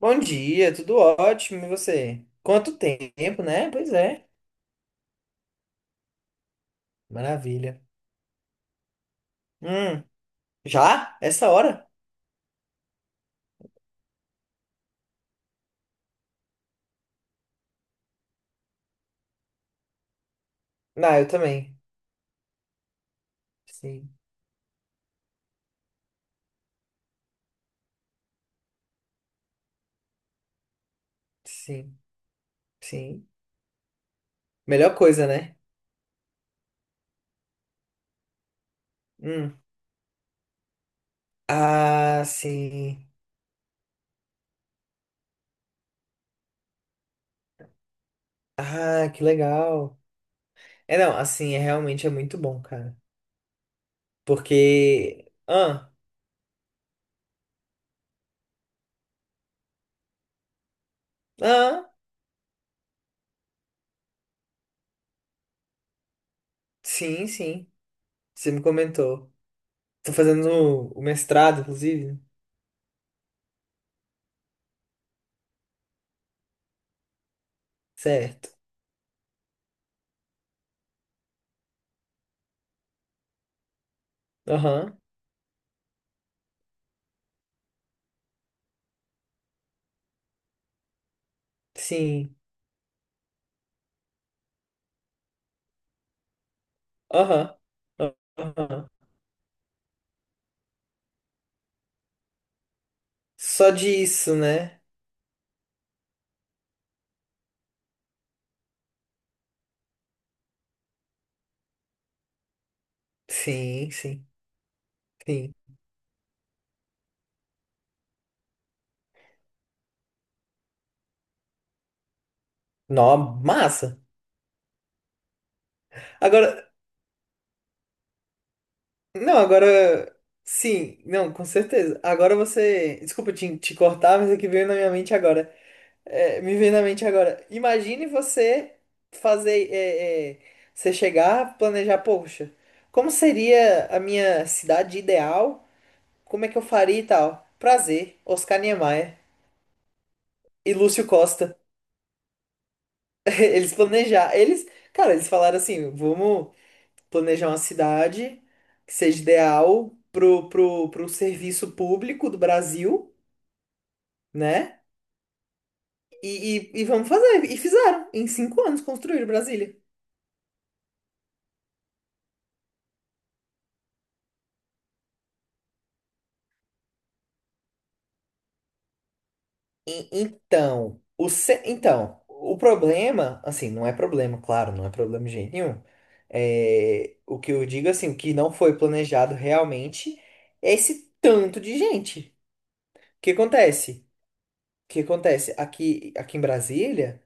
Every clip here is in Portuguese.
Bom dia, tudo ótimo, e você? Quanto tempo, né? Pois é, maravilha. Hum, já? Essa hora? Ah, eu também. Sim, sim, sim. Melhor coisa, né? Hum. Ah, sim. Ah, que legal. É, não, assim, é realmente é muito bom, cara. Porque... Ah, ah, sim, sim. Você me comentou. Tô fazendo o mestrado, inclusive. Certo. Aham, sim. Aham. Aham. Só disso, né? Sim, sim, sim. Nó, massa. Agora, não, agora, sim, não, com certeza. Agora você, desculpa te cortar, mas é que veio na minha mente agora. É, me veio na mente agora. Imagine você fazer, você chegar, planejar, poxa, como seria a minha cidade ideal? Como é que eu faria e tal? Prazer, Oscar Niemeyer e Lúcio Costa. Eles planejar, eles, cara, eles falaram assim, vamos planejar uma cidade que seja ideal pro, serviço público do Brasil, né? E vamos fazer. E fizeram. Em 5 anos construíram Brasília. Então, o problema, assim, não é problema, claro, não é problema de jeito nenhum. É, o que eu digo, assim, o que não foi planejado realmente é esse tanto de gente. O que acontece? O que acontece? Aqui em Brasília.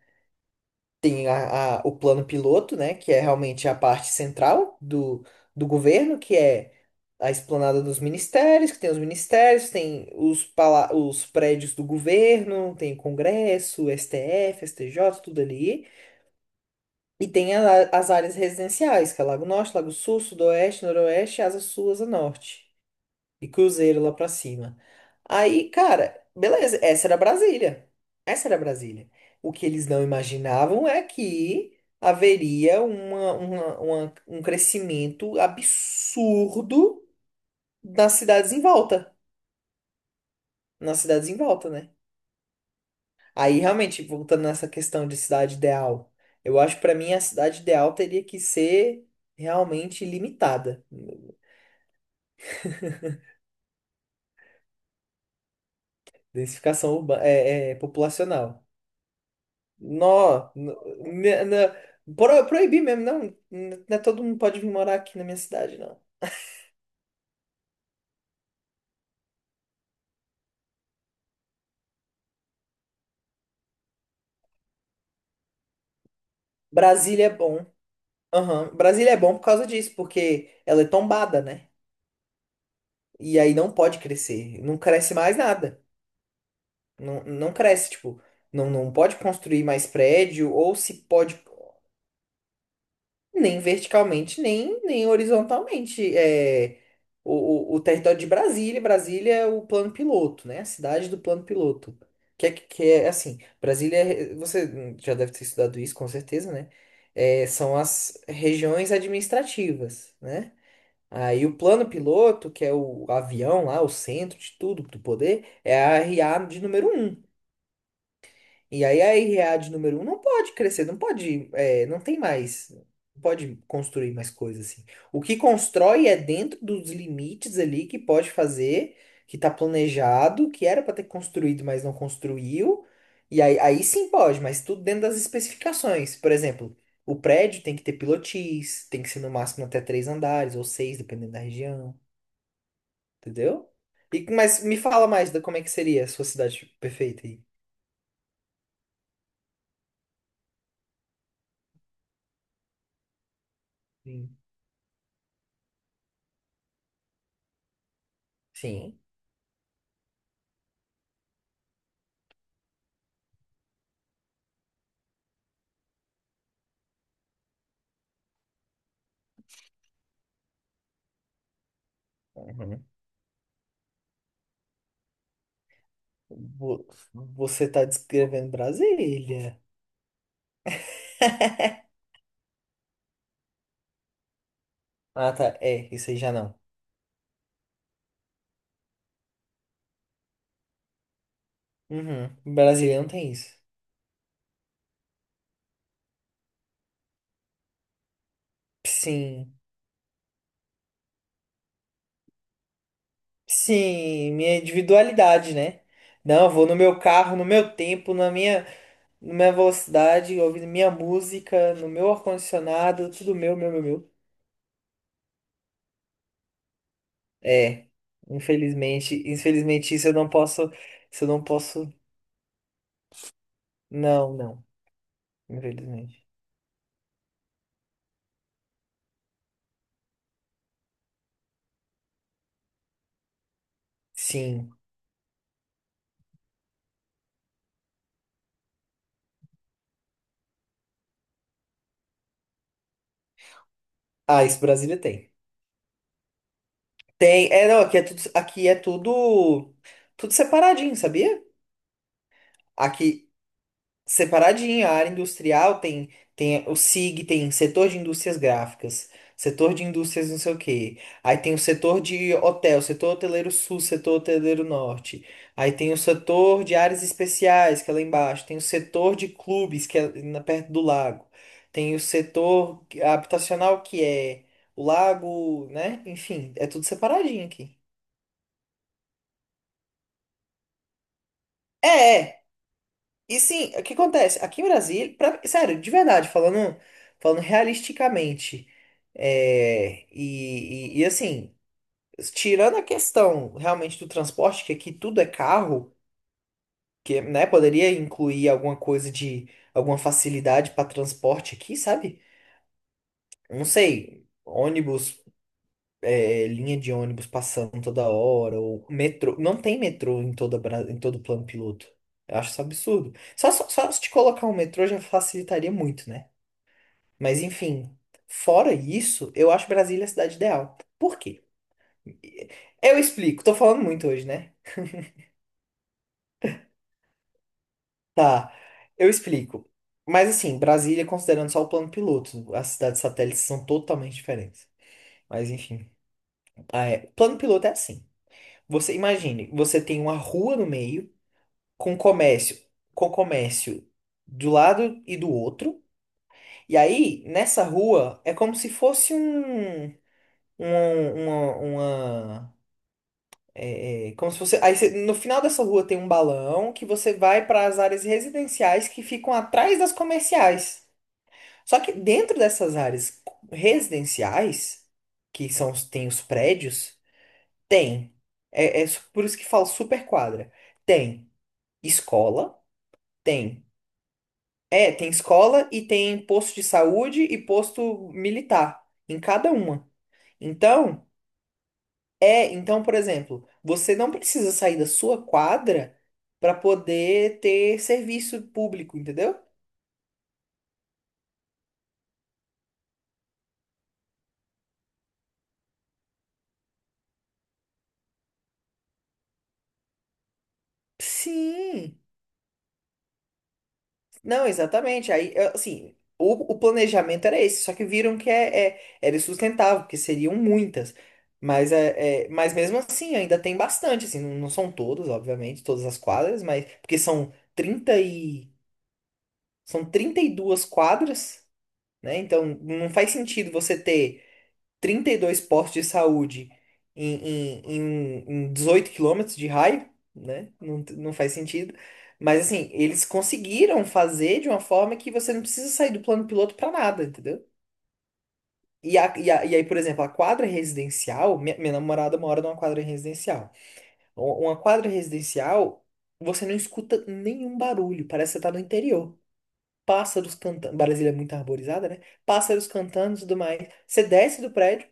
Tem o plano piloto, né, que é realmente a parte central do governo, que é a esplanada dos ministérios, que tem os ministérios, pala os prédios do governo, tem Congresso, STF, STJ, tudo ali. E tem as áreas residenciais, que é Lago Norte, Lago Sul, Sudoeste, Noroeste, Asa Sul, Asa Norte. E Cruzeiro lá pra cima. Aí, cara, beleza, essa era Brasília. Essa era Brasília. O que eles não imaginavam é que haveria um crescimento absurdo nas cidades em volta. Nas cidades em volta, né? Aí, realmente, voltando nessa questão de cidade ideal, eu acho que pra mim a cidade ideal teria que ser realmente limitada. Densificação urbana, populacional. Nó, me- na- proibir mesmo, não. Não é todo mundo pode vir morar aqui na minha cidade, não. Brasília é bom. Aham. Brasília é bom por causa disso, porque ela é tombada, né? E aí não pode crescer. Não cresce mais nada. Não, não cresce, tipo, não, não pode construir mais prédio, ou se pode. Nem verticalmente, nem horizontalmente. É, o território de Brasília, Brasília é o plano piloto, né? A cidade do plano piloto. Que é assim, Brasília, você já deve ter estudado isso, com certeza, né? É, são as regiões administrativas, né? Aí o plano piloto, que é o avião lá, o centro de tudo, do poder, é a RA de número um, e aí a Irread número um não pode crescer, não pode, é, não tem mais, não pode construir mais coisas assim. O que constrói é dentro dos limites ali que pode fazer, que tá planejado, que era para ter construído, mas não construiu. E aí, aí sim pode, mas tudo dentro das especificações. Por exemplo, o prédio tem que ter pilotis, tem que ser no máximo até três andares ou seis, dependendo da região, entendeu? E, mas me fala mais da como é que seria a sua cidade perfeita aí. Sim. Sim. Vo- Você tá descrevendo Brasília. Ah, tá. É, isso aí já não. Uhum. Brasília não tem isso. Sim. Sim, minha individualidade, né? Não, eu vou no meu carro, no meu tempo, na minha velocidade, ouvindo minha música, no meu ar-condicionado, tudo meu, meu, meu, meu. É. Infelizmente, infelizmente isso eu não posso, isso eu não posso. Não, não. Infelizmente. Sim. Ah, isso Brasília tem. Tem, é, não, aqui é tudo, tudo separadinho, sabia? Aqui, separadinho, a área industrial tem, o SIG, tem setor de indústrias gráficas, setor de indústrias não sei o quê. Aí tem o setor de hotel, setor hoteleiro sul, setor hoteleiro norte. Aí tem o setor de áreas especiais, que é lá embaixo. Tem o setor de clubes, que é perto do lago. Tem o setor habitacional, que é o lago, né? Enfim, é tudo separadinho aqui. É, é, E sim, o que acontece? Aqui em Brasília, sério, de verdade, falando realisticamente, assim, tirando a questão realmente do transporte, que aqui tudo é carro, que, né, poderia incluir alguma facilidade para transporte aqui, sabe? Não sei, ônibus, é, linha de ônibus passando toda hora, ou metrô, não tem metrô em todo o plano piloto. Eu acho isso absurdo. Só se te colocar um metrô já facilitaria muito, né? Mas enfim, fora isso, eu acho Brasília a cidade ideal. Por quê? Eu explico, tô falando muito hoje, né? Tá, eu explico. Mas assim, Brasília, considerando só o plano piloto, as cidades satélites são totalmente diferentes. Mas enfim, ah, é. Plano piloto é assim. Você imagine, você tem uma rua no meio com comércio, com comércio do lado e do outro. E aí, nessa rua, é como se fosse um. É, é, como se você. No final dessa rua tem um balão que você vai para as áreas residenciais que ficam atrás das comerciais. Só que dentro dessas áreas residenciais, tem os prédios, tem. Por isso que falo super quadra. Tem escola, tem. É, tem escola e tem posto de saúde e posto militar em cada uma. Então. É, então, por exemplo, você não precisa sair da sua quadra para poder ter serviço público, entendeu? Sim, não, exatamente. Aí, é, assim, o planejamento era esse, só que viram que era insustentável, porque seriam muitas. Mas mesmo assim, ainda tem bastante, assim, não, não são todas, obviamente, todas as quadras, mas porque são 32 quadras, né? Então, não faz sentido você ter 32 postos de saúde em, 18 quilômetros de raio, né? Não, não faz sentido. Mas assim, eles conseguiram fazer de uma forma que você não precisa sair do plano piloto para nada, entendeu? E aí, por exemplo, a quadra residencial, minha namorada mora numa quadra residencial. Uma quadra residencial, você não escuta nenhum barulho, parece que você tá no interior. Pássaros cantando. Brasília é muito arborizada, né? Pássaros cantando e tudo mais. Você desce do prédio,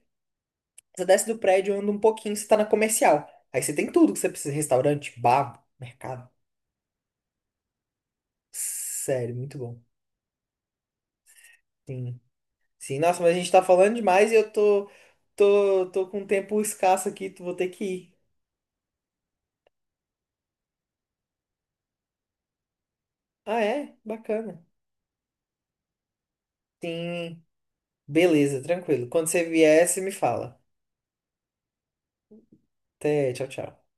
você desce do prédio, anda um pouquinho, você tá na comercial. Aí você tem tudo que você precisa: restaurante, bar, mercado. Sério, muito bom. Sim. Sim, nossa, mas a gente tá falando demais e eu tô, com um tempo escasso aqui, tu vou ter que ir. Ah, é? Bacana. Sim. Beleza, tranquilo. Quando você vier, você me fala. Até, tchau, tchau.